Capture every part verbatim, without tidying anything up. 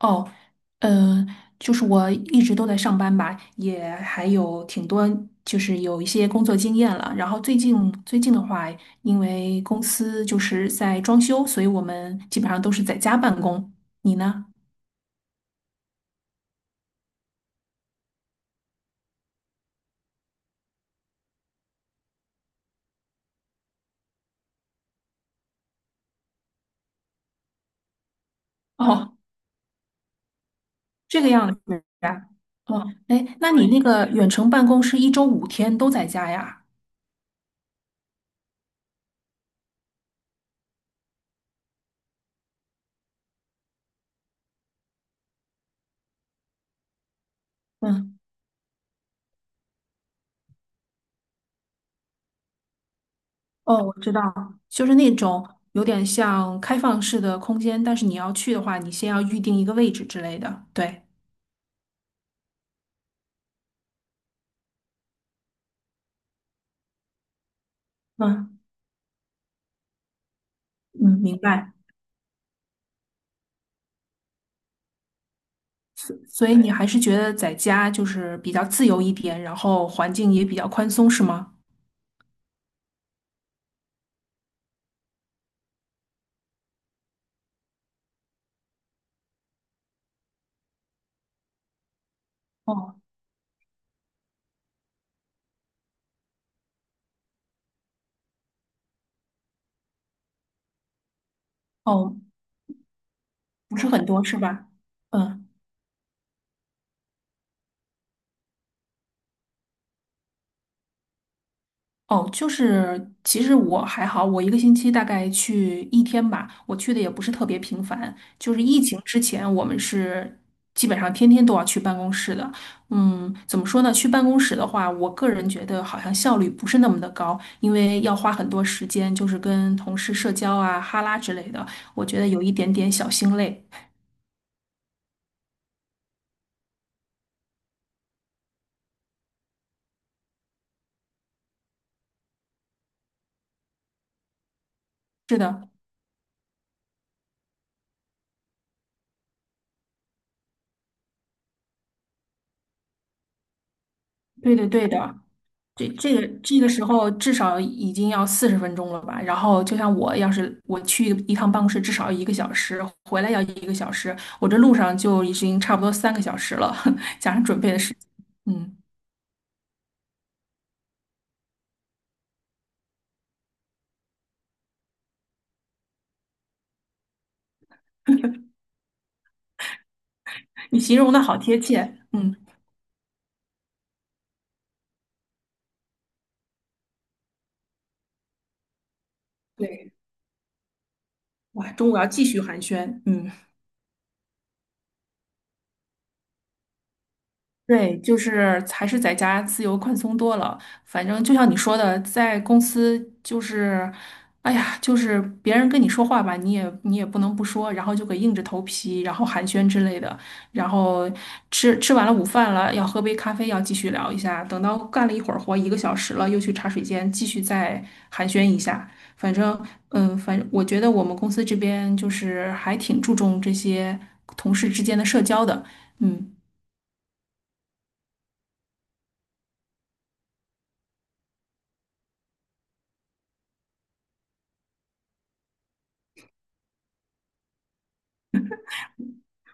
哦，呃，就是我一直都在上班吧，也还有挺多，就是有一些工作经验了。然后最近最近的话，因为公司就是在装修，所以我们基本上都是在家办公。你呢？哦，这个样子呀。哦，哎，那你那个远程办公是一周五天都在家呀？嗯，哦，我知道，就是那种有点像开放式的空间，但是你要去的话，你先要预定一个位置之类的。对。嗯。嗯，明白。所所以你对还是觉得在家就是比较自由一点，然后环境也比较宽松，是吗？哦哦，不是很多，是吧？嗯。哦，就是其实我还好，我一个星期大概去一天吧，我去的也不是特别频繁。就是疫情之前，我们是基本上天天都要去办公室的。嗯，怎么说呢？去办公室的话，我个人觉得好像效率不是那么的高，因为要花很多时间，就是跟同事社交啊、哈拉之类的，我觉得有一点点小心累。是的，对的，对的。这这个这个时候至少已经要四十分钟了吧？然后就像我要是我去一趟办公室，至少要一个小时，回来要一个小时，我这路上就已经差不多三个小时了，加上准备的时间，嗯，你形容的好贴切。嗯，对，哇，中午要继续寒暄。嗯。对，就是还是在家自由宽松多了。反正就像你说的，在公司就是，哎呀，就是别人跟你说话吧，你也你也不能不说，然后就给硬着头皮，然后寒暄之类的。然后吃吃完了午饭了，要喝杯咖啡，要继续聊一下。等到干了一会儿活，一个小时了，又去茶水间继续再寒暄一下。反正，嗯，反正我觉得我们公司这边就是还挺注重这些同事之间的社交的，嗯。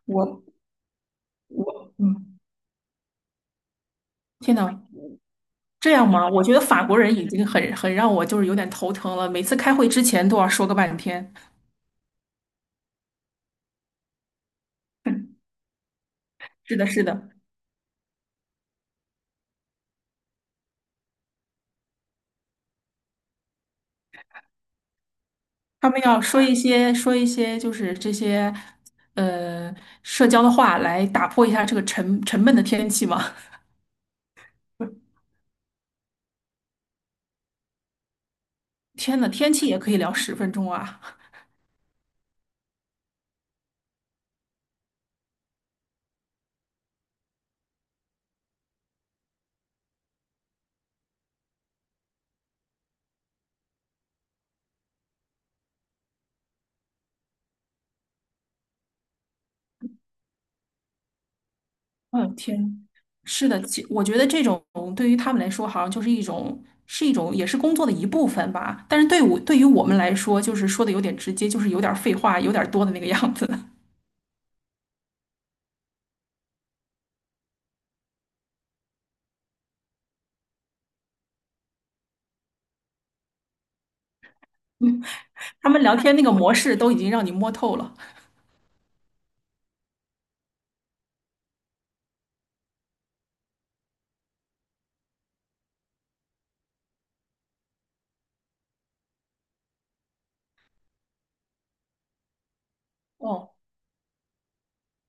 我我嗯，天呐，这样吗？我觉得法国人已经很很让我就是有点头疼了，每次开会之前都要说个半天。是的，是的，他们要说一些说一些就是这些呃社交的话来打破一下这个沉沉闷的天气嘛。天呐，天气也可以聊十分钟啊！嗯，天，是的，其我觉得这种对于他们来说，好像就是一种，是一种，也是工作的一部分吧。但是对我，对于我们来说，就是说的有点直接，就是有点废话，有点多的那个样子。他们聊天那个模式都已经让你摸透了。哦，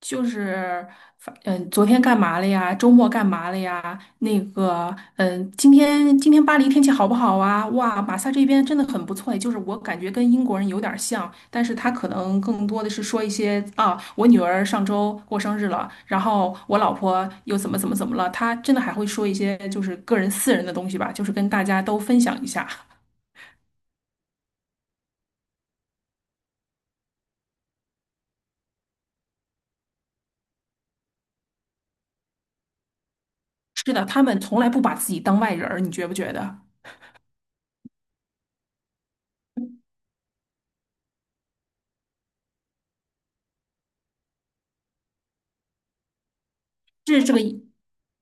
就是反嗯，昨天干嘛了呀？周末干嘛了呀？那个，嗯，今天今天巴黎天气好不好啊？哇，马萨这边真的很不错，就是我感觉跟英国人有点儿像，但是他可能更多的是说一些啊，我女儿上周过生日了，然后我老婆又怎么怎么怎么了，他真的还会说一些就是个人私人的东西吧，就是跟大家都分享一下。是的，他们从来不把自己当外人儿，你觉不觉得？是这个，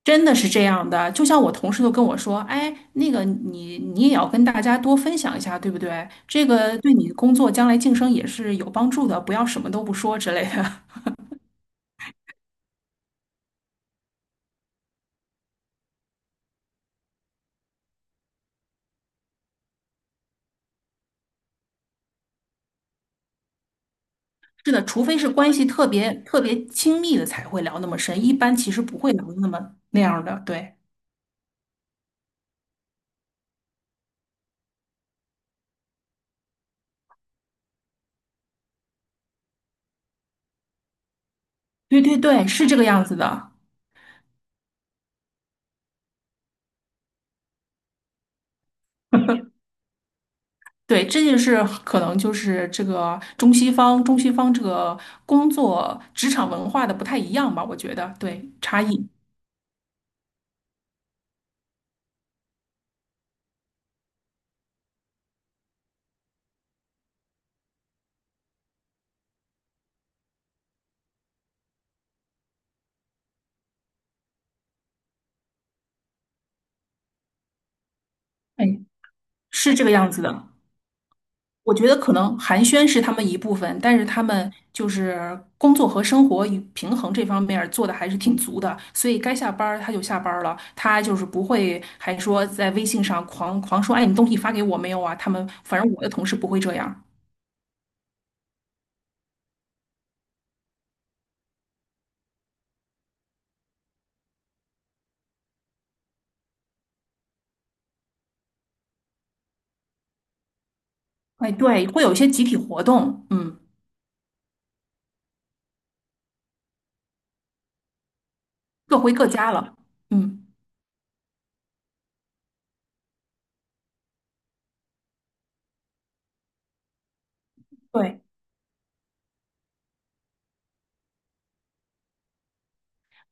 真的是这样的。就像我同事都跟我说，哎，那个你你也要跟大家多分享一下，对不对？这个对你工作将来晋升也是有帮助的，不要什么都不说之类的。是的，除非是关系特别特别亲密的才会聊那么深，一般其实不会聊那么那样儿的。对，对对对，是这个样子的。对，这就是可能就是这个中西方中西方这个工作职场文化的不太一样吧，我觉得对差异。哎，是这个样子的。我觉得可能寒暄是他们一部分，但是他们就是工作和生活与平衡这方面儿做的还是挺足的，所以该下班儿他就下班儿了，他就是不会还说在微信上狂狂说，哎，你东西发给我没有啊？他们反正我的同事不会这样。哎，对，会有一些集体活动，嗯，各回各家了，嗯。对。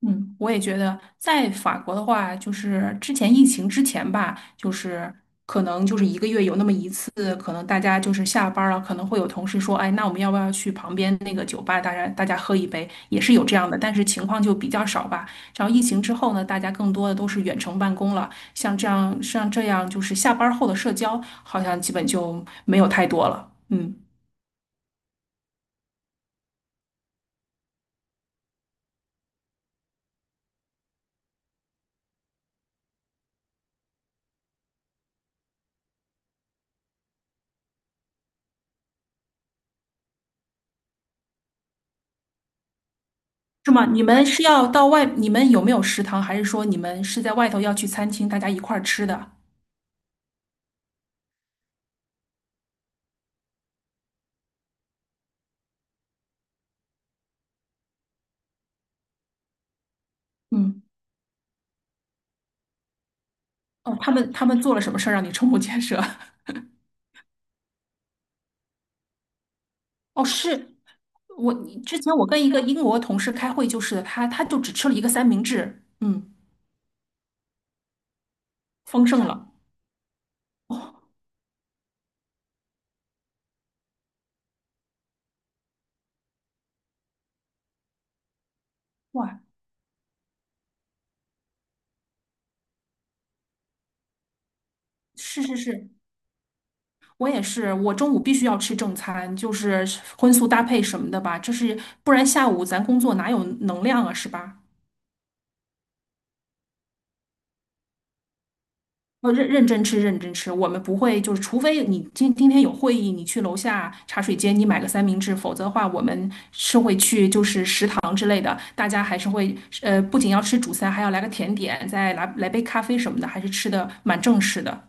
嗯，我也觉得，在法国的话，就是之前疫情之前吧，就是可能就是一个月有那么一次，可能大家就是下班儿了，可能会有同事说，哎，那我们要不要去旁边那个酒吧，大家大家喝一杯，也是有这样的，但是情况就比较少吧。然后疫情之后呢，大家更多的都是远程办公了，像这样像这样就是下班儿后的社交，好像基本就没有太多了。嗯，是吗？你们是要到外，你们有没有食堂，还是说你们是在外头要去餐厅，大家一块儿吃的？嗯，哦，他们他们做了什么事儿让你瞠目结舌？哦，是我之前我跟一个英国同事开会就是的他他就只吃了一个三明治，嗯，丰盛了。哦，哇，是是是，我也是，我中午必须要吃正餐，就是荤素搭配什么的吧，这是不然下午咱工作哪有能量啊，是吧？呃，认认真吃，认真吃。我们不会，就是除非你今今天有会议，你去楼下茶水间，你买个三明治，否则的话，我们是会去就是食堂之类的。大家还是会，呃，不仅要吃主餐，还要来个甜点，再来来杯咖啡什么的，还是吃的蛮正式的。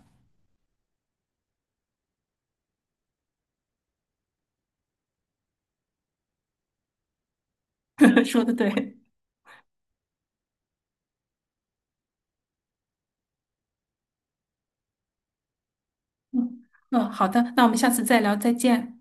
说的对，嗯嗯，好的，那我们下次再聊，再见。